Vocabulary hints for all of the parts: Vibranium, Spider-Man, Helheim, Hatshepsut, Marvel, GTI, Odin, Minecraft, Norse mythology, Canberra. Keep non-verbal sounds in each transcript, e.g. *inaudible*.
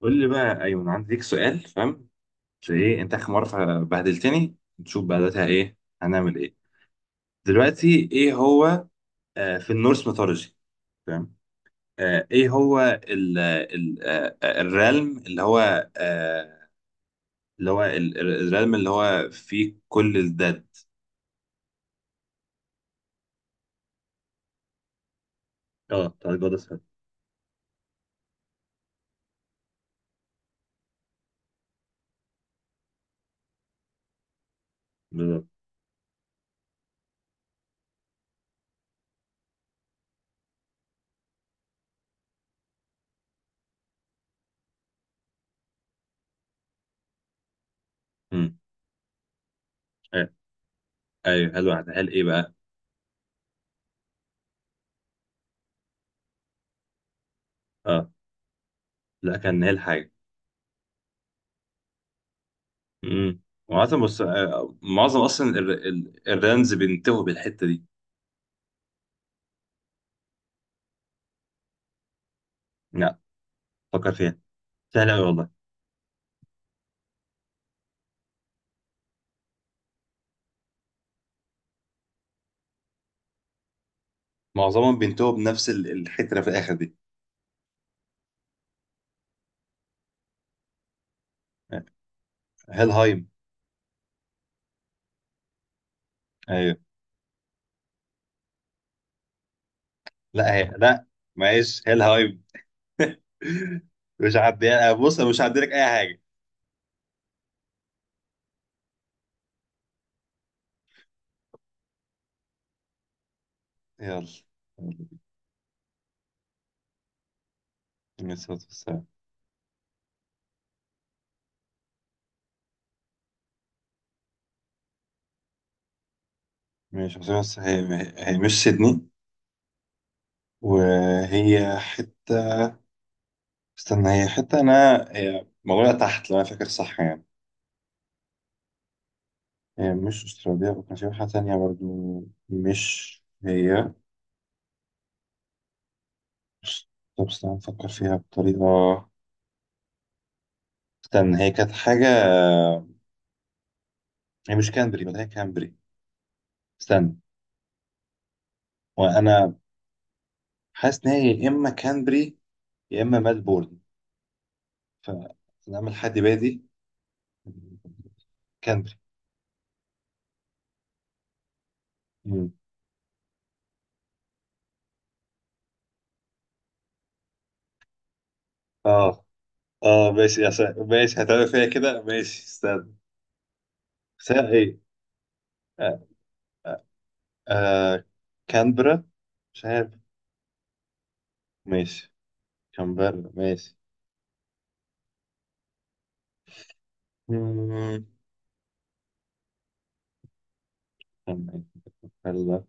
قول لي بقى، ايوه، انا عندي ليك سؤال. فاهم؟ مش، ايه، انت اخر مره بهدلتني. نشوف بقى دلوقتي ايه. هنعمل ايه دلوقتي؟ ايه هو؟ في النورس ميثولوجي. فاهم. ايه هو ال ال آه آه، الريلم اللي هو. آه اللي هو الريلم اللي هو فيه كل الداد. اه، بتاع الجود اسهل. بالظبط. أمم، آه، ايوه، هل واحد، هل ايه بقى. اه، لا، كان هل حاجه. امم وعاده، بص، معظم اصلا الريلمز بينتهوا بالحته دي. لا، فكر فيها. سهل قوي والله. معظمهم بينتهوا بنفس الحتره في الاخر دي. هيلهايم. ايوه. لا هي لا. معلش، هيلهايم. *laughs* مش هعديها. بص، أنا مش هعدي لك اي حاجه. يلا. ماشي. ماشي، بس هي مش سيدني، وهي حته. استنى، هي حته انا، هي موجوده تحت لو انا فاكر صح يعني. هي مش استراليا، وكان في واحده تانيه برضو مش هي. طب استنى افكر فيها بطريقه. استنى، هي كانت حاجه. هي مش كانبري، ما هي كانبري. استنى. وانا حاسس ان هي يا اما كانبري يا اما ملبورن. فانا اعمل حد بادي. كانبري. مم. اه. اه، ماشي يا ماشي، هتعمل فيا كده. ماشي، استنى. ساعة ايه؟ آه. آه. كانبرا. مش عارف. ماشي، كانبرا. ماشي. مم. كان- كانبرا.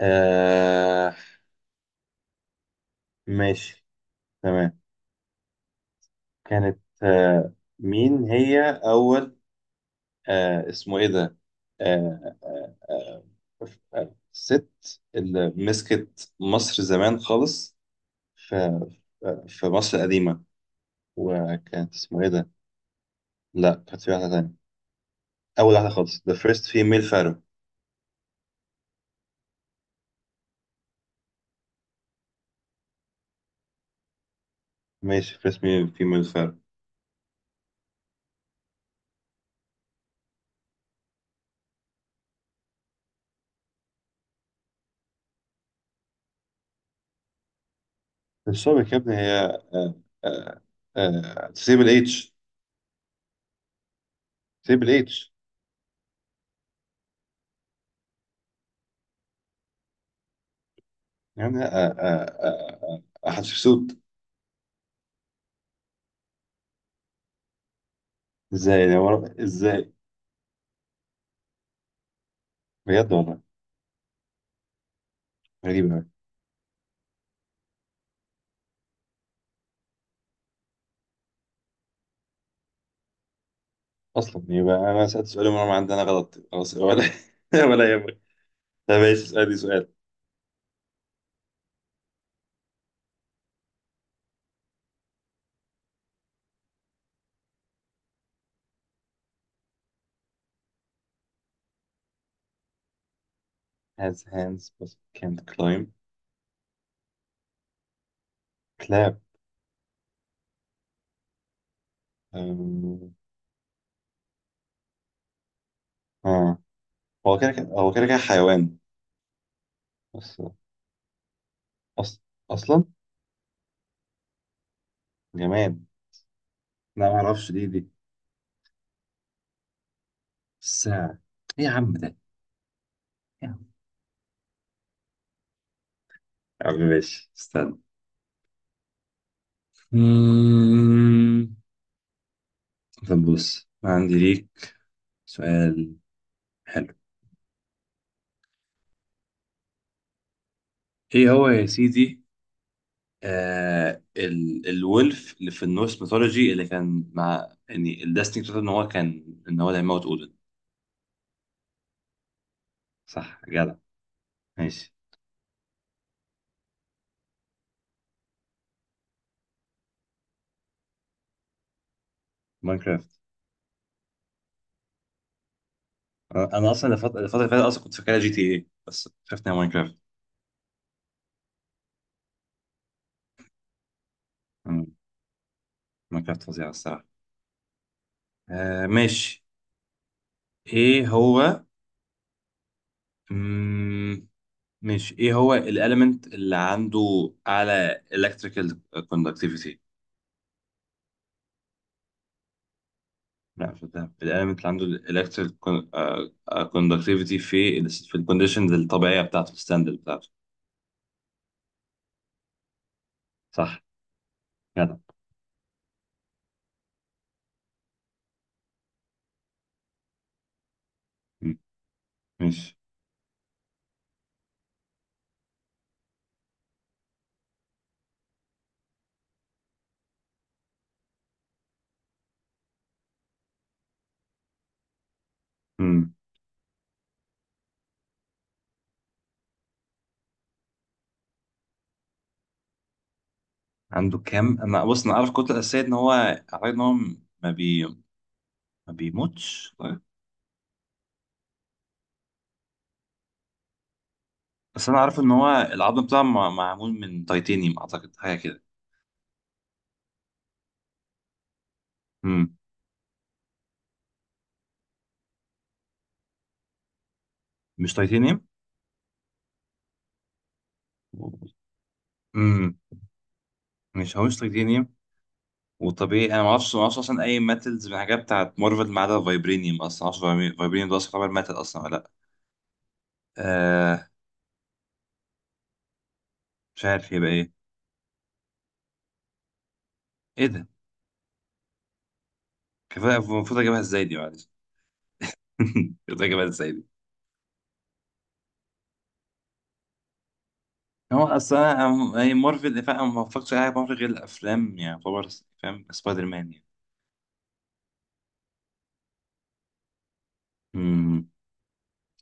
آه. ماشي. تمام. كانت، مين هي اول؟ اسمه ايه ده؟ آه، آه، آه، ست اللي مسكت مصر زمان خالص، في في مصر القديمة. وكانت اسمه ايه ده؟ لا، كانت في واحدة تانية، أول واحدة خالص، the first female pharaoh. ماشي، first female pharaoh السابق يا ابني هي. آه، آه، تسيب الاتش. تسيب الاتش. يعني حتشبسوت. ازاي ازاي؟ بجد والله. غريبة أوي. اصلا يبقى انا سالت سؤال ومرة ما عندنا غلط، خلاص ولا *laughs* ولا يهمك. طب ماشي، اسالني سؤال. has hands but can't climb. كلاب. أم، اه، هو كده كده حيوان بس. أص... اصلا. جماد. لا ما اعرفش، دي. الساعة. ايه يا عم ده. يا عم. يا عم، ماشي، استنى. مم. طب بص، عندي ليك سؤال حلو. ايه هو يا سيدي؟ آه ال الولف اللي في النورس ميثولوجي، اللي كان مع يعني الديستني بتاعته ان هو كان ان هو اللي هيموت اودن. صح، جدع. ماشي. ماينكرافت. انا، الفتره اللي فاتت اصلا كنت فاكرها جي تي اي، بس شفت إنها ماينكرافت. مم، ماينكرافت فظيعه الصراحه. ماشي. ايه هو. مم. ماشي، ايه هو الاليمنت اللي عنده اعلى electrical conductivity؟ لا، في ده، في الاليمنت اللي عنده الالكتريك كوندكتيفيتي في ال في الكونديشنز الطبيعيه بتاعته، الستاندرد بتاعته. صح، جدع. مم. ماشي. مم. عنده كام؟ انا، بص، انا عارف الكتله الاساسيه ان هو اعتقد ان هو ما بي ما بيموتش طيب. بس انا عارف ان هو العظم بتاعه، معمول من تيتانيوم اعتقد، حاجه كده. مم. مش تيتانيوم. امم مش، هو مش تيتانيوم. وطبيعي انا ما اعرفش اصلا اي ماتلز من الحاجات بتاعت مارفل، ما عدا فايبرينيوم. اصلا ما اعرفش فايبرينيوم ده اصلا يعتبر ماتل اصلا ولا لا. آه مش عارف يبقى ايه. ايه ده؟ كفايه، المفروض اجيبها ازاي دي؟ معلش *laughs* المفروض اجيبها ازاي دي. هو اصلا، هي مارفل، فاهم، أنا ما بفكرش على حاجة مارفل غير الافلام يعني، يعتبر، فاهم، سبايدر مان يعني. امم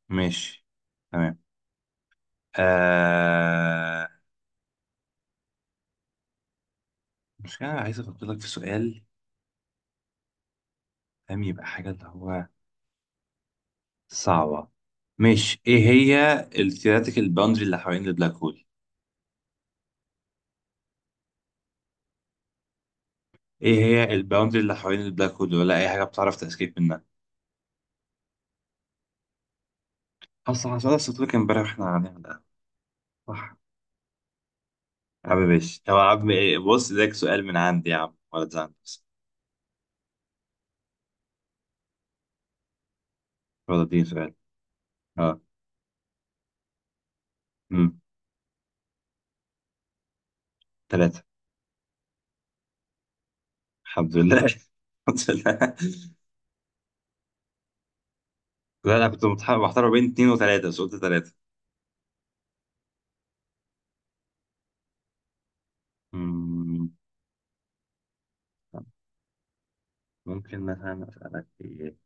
ماشي. تمام. آه مش، انا عايز افكر لك في سؤال، فاهم، يبقى حاجه اللي هو صعبه. ماشي، ايه هي الثيوريتيكال باوندري اللي حوالين البلاك هول؟ ايه هي الباوندري اللي حوالين البلاك هول، ولا اي حاجه بتعرف تسكيب منها. اصلا حصل لك امبارح واحنا قاعدين على القهوة. صح. يا عم ماشي. طب يا عم ايه، بص، ده سؤال من عندي يا عم، ولا تزعل بس. ولا اديني سؤال. اه. امم ثلاثة. الحمد لله *laughs* الحمد لله. لا، انا كنت محتار بين اتنين وثلاثة، بس قلت ثلاثة. امم طب، ممكن مثلا اسألك ايه.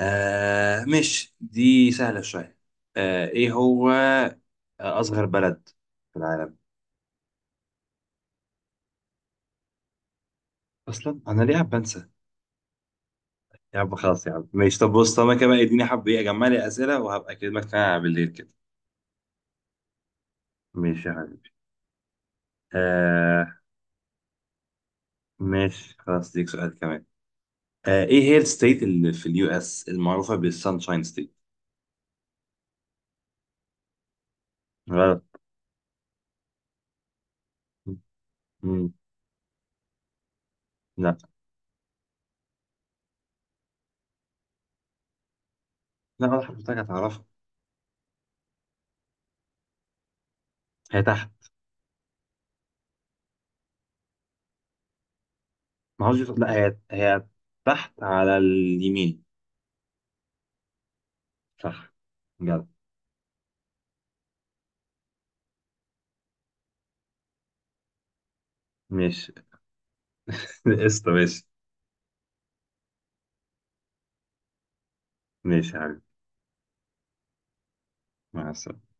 مش دي سهلة شوية. ايه هو اصغر بلد في العالم؟ اصلا انا ليه عم بنسى. يا عم خلاص، يا عم ماشي. طب بص، طب انا كمان اديني حبة ايه، اجمع لي اسئلة وهبقى اكلمك تاني بالليل كده. ماشي يا حبيبي. آه ماشي. خلاص، ديك سؤال كمان. ايه هي الستيت اللي في اليو اس المعروفة بالسانشاين ستيت؟ غلط. مم. لا. لا، ولا حضرتك هتعرفها. هي تحت. ما هوش، لا، هي تحت على اليمين. صح، جدع. ماشي *laughs* قشطة، ماشي. ماشي يا حبيبي. مع السلامة.